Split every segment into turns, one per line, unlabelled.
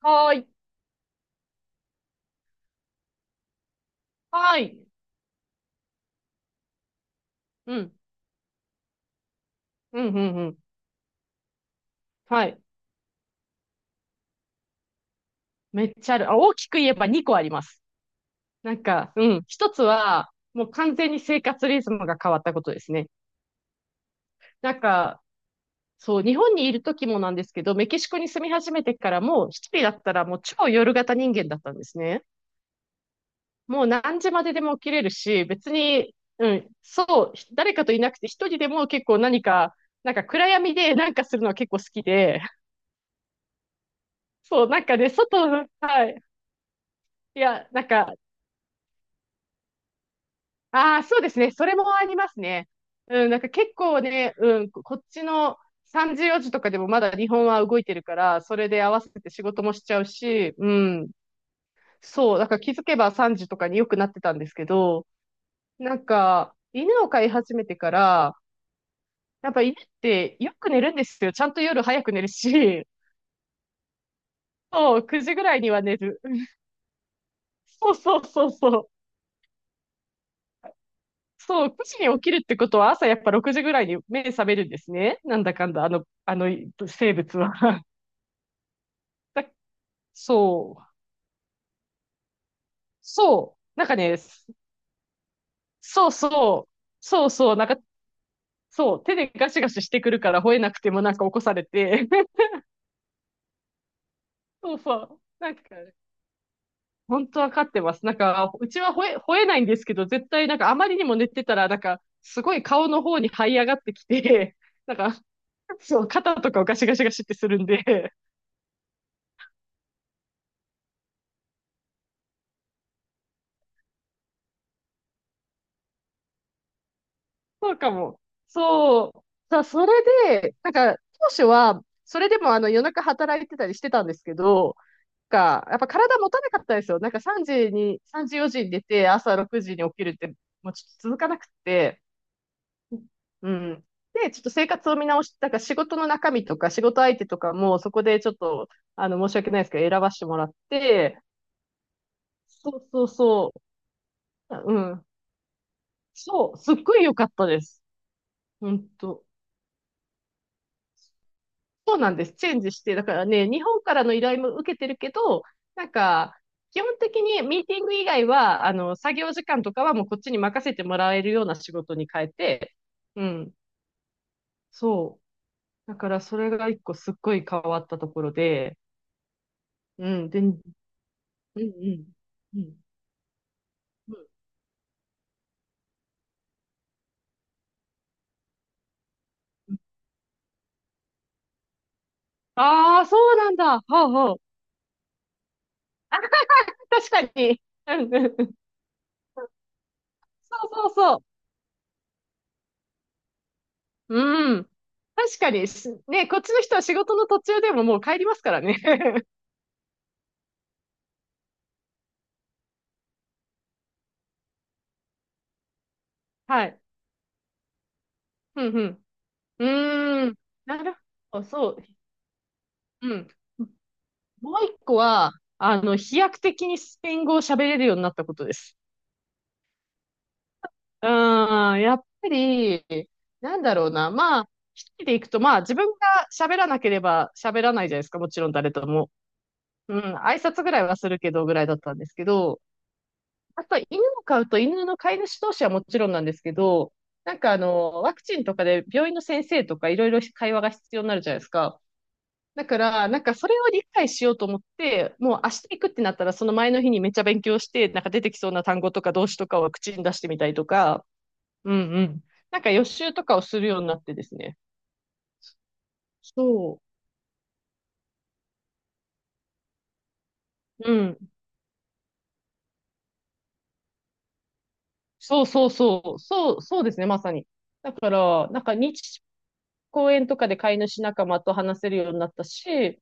はーい。はーい。うん。うん、うん、うん。はい。めっちゃある。あ、大きく言えば2個あります。なんか、うん。一つは、もう完全に生活リズムが変わったことですね。なんか、そう、日本にいる時もなんですけど、メキシコに住み始めてからも、一人だったらもう超夜型人間だったんですね。もう何時まででも起きれるし、別に、うん、そう、誰かといなくて一人でも結構何か、なんか暗闇でなんかするのは結構好きで、そう、なんかね、外の、はい。いや、なんか、ああ、そうですね。それもありますね。うん、なんか結構ね、うん、こっちの3時4時とかでもまだ日本は動いてるから、それで合わせて仕事もしちゃうし、うん。そう、だから気づけば3時とかによくなってたんですけど、なんか、犬を飼い始めてから、やっぱ犬ってよく寝るんですよ。ちゃんと夜早く寝るし、そう、9時ぐらいには寝る。そうそうそうそう。そう、9時に起きるってことは朝やっぱ6時ぐらいに目覚めるんですね。なんだかんだ、あの生物は。だそう。そう。なんかね、そうそう。そうそう。なんか、そう。手でガシガシしてくるから吠えなくてもなんか起こされて。そうそう。なんかね、本当わかってます。なんか、うちは吠えないんですけど、絶対なんかあまりにも寝てたら、なんか、すごい顔の方に這い上がってきて、なんか、そう、肩とかをガシガシガシってするんで、そうかも。そう。それで、なんか、当初は、それでもあの夜中働いてたりしてたんですけど、やっぱ体持たなかったですよ。なんか3時4時に出て、朝6時に起きるって、もうちょっと続かなくて、うん。で、ちょっと生活を見直して、なんか仕事の中身とか仕事相手とかも、そこでちょっと、あの、申し訳ないですけど、選ばしてもらって、そうそうそう、うん。そう、すっごい良かったです。本当そうなんです。チェンジして、だからね、日本からの依頼も受けてるけど、なんか、基本的にミーティング以外は、あの、作業時間とかはもうこっちに任せてもらえるような仕事に変えて、うん、そう。だからそれが一個すっごい変わったところで、うん、で、うんうん、うん。ああー、そうなんだ。ほうほう。あ、確かに。うんうんうん。そうそうそう。うん。確かに、しね、こっちの人は仕事の途中でももう帰りますからね。はい。うん、うん。うーん。なるほど、そう。うん。もう一個は、あの、飛躍的にスペイン語を喋れるようになったことです。うん、やっぱり、なんだろうな。まあ、一人で行くと、まあ、自分が喋らなければ喋らないじゃないですか。もちろん誰とも。うん、挨拶ぐらいはするけど、ぐらいだったんですけど、あと、犬を飼うと、犬の飼い主同士はもちろんなんですけど、なんかあの、ワクチンとかで病院の先生とかいろいろ会話が必要になるじゃないですか。だから、なんかそれを理解しようと思って、もう明日行くってなったら、その前の日にめっちゃ勉強して、なんか出てきそうな単語とか動詞とかを口に出してみたりとか、うんうん。なんか予習とかをするようになってですね。そう。うん。そうそうそう。そう、そうですね、まさに。だから、なんか日、公園とかで飼い主仲間と話せるようになったし、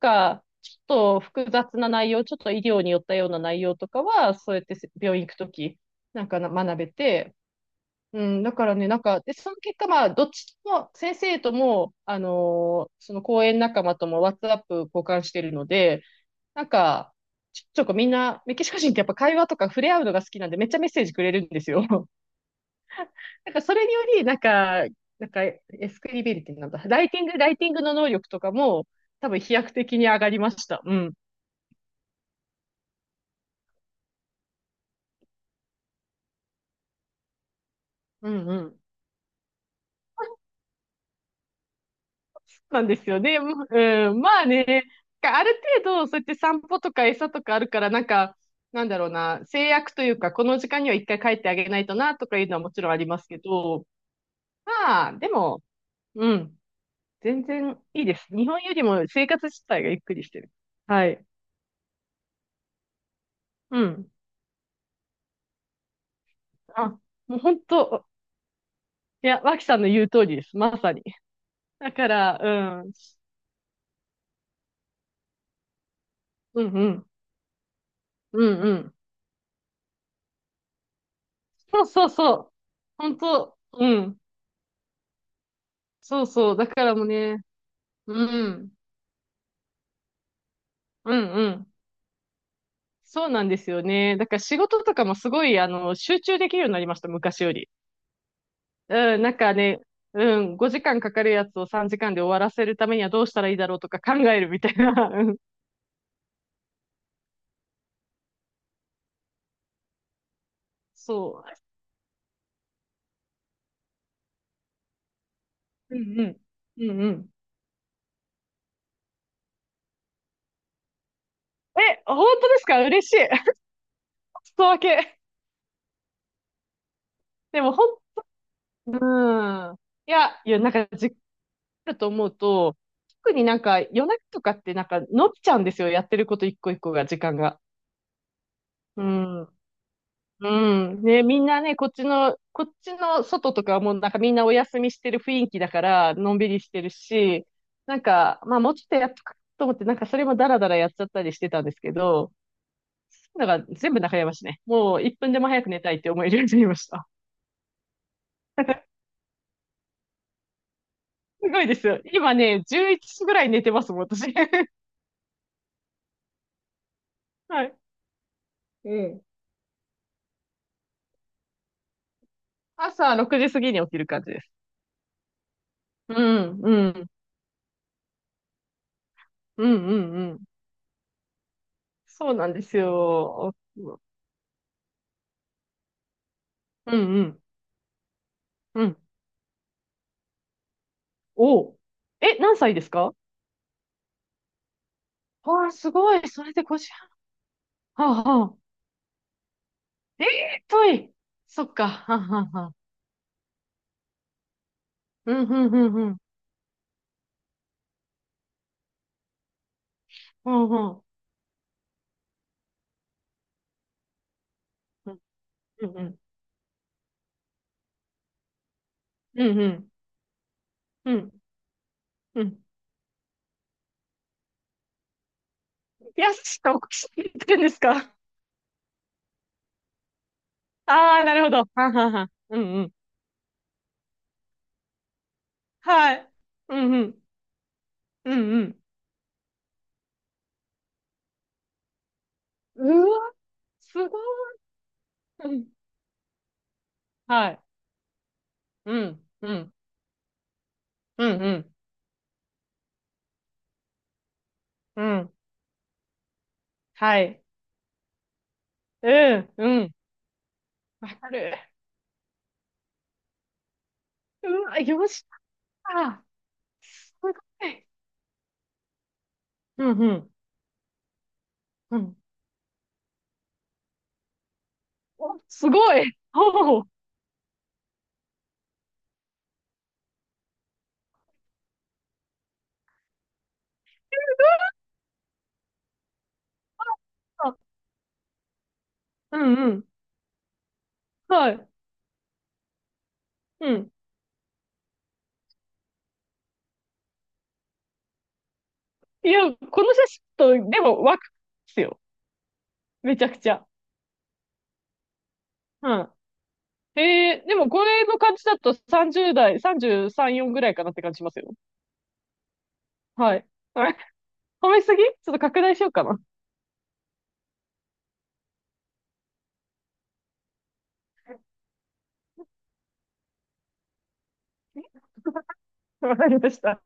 が、ちょっと複雑な内容、ちょっと医療によったような内容とかは、そうやって病院行くとき、なんかな学べて、うん、だからね、なんか、で、その結果、まあ、どっちも、先生とも、あのーその講演仲間とも、ワッツアップ交換してるので、なんか、ちょちょこみんな、メキシコ人ってやっぱ会話とか触れ合うのが好きなんで、めっちゃメッセージくれるんですよ。なんか、それにより、なんか、なんか、エスクリビリティなんだ。ライティングの能力とかも、多分飛躍的に上がりました。うん。うんうん。なんですよね。もううん、まあね、ある程度、そうやって散歩とか餌とかあるから、なんか、なんだろうな、制約というか、この時間には一回帰ってあげないとな、とかいうのはもちろんありますけど、まあ、でも、うん、全然いいです。日本よりも生活自体がゆっくりしてる。はい。うん。あ、もう本当、いや、脇さんの言う通りです。まさに。だから、うん、うんうん、うんうん。そうそうそう。本当、うん。そうそう。だからもうね、うん。うんうん。そうなんですよね。だから仕事とかもすごい、あの、集中できるようになりました、昔より。うん、なんかね、うん、5時間かかるやつを3時間で終わらせるためにはどうしたらいいだろうとか考えるみたいな。うん、そう。うんうん。うんうん。え、本当ですか嬉しい。外分け。でもほん、うん。いや、いや、なんかじっくりだと思うと、特になんか夜中とかってなんか伸びちゃうんですよ。やってること一個一個が、時間が。うん。うん。ね、みんなね、こっちの、こっちの外とかはもうなんかみんなお休みしてる雰囲気だから、のんびりしてるし、なんか、まあもうちょっとやっとくと思って、なんかそれもダラダラやっちゃったりしてたんですけど、だから全部中山市ね。もう1分でも早く寝たいって思えるようになりました。すごいですよ。今ね、11時ぐらい寝てますもん、私。はい。うん。朝6時過ぎに起きる感じです。うん、うん、うん、うん、うん。そうなんですよ。うん、うん、うん。お、え、何歳ですかわあ、すごい。それで50。はあ、はあ。ええ遠い。そっか。はあ、はあ、はあ。うん、うん、うん、うん。うん、うん。うん、うん。うん、うん。うん、うん。いや、ちょっとおかしいって言うんですかああー、なるほど。はあ、はあ、はあ。うん、うん。はい。うん、うん。うん、うん。うわ、すごい。うん。はい。うん、うん、うん、うん、うん。はい。うん、うん。わかる。うわ、よっしゃ。すごい。うんうん。うん。お、すごい。おお。あうんうん。はい。うん。いや、この写真と、でも、若いですよ。めちゃくちゃ。うん、えー、でもこれの感じだと30代、33、4ぐらいかなって感じしますよ。はい。あれ褒めすぎちょっと拡大しようかな。わかりました。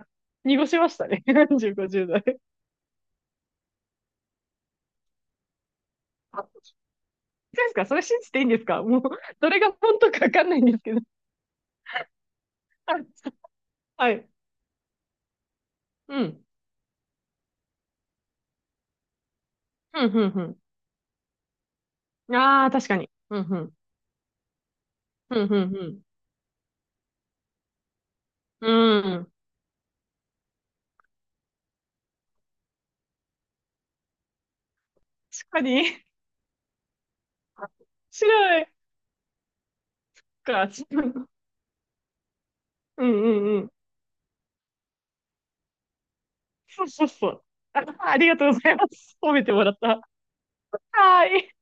濁しましたね。40、50代。あ、そうですかそれ信じていいんですかもう、どれが本当かわかんないんですけど。あはい。うん。うんうんうん。ああ、確かに。うん、うん。うん、うん、うん。うん。確かに。白いか。うん、うん、うん。そうそうそう。あ、ありがとうございます。褒めてもらった。はーい。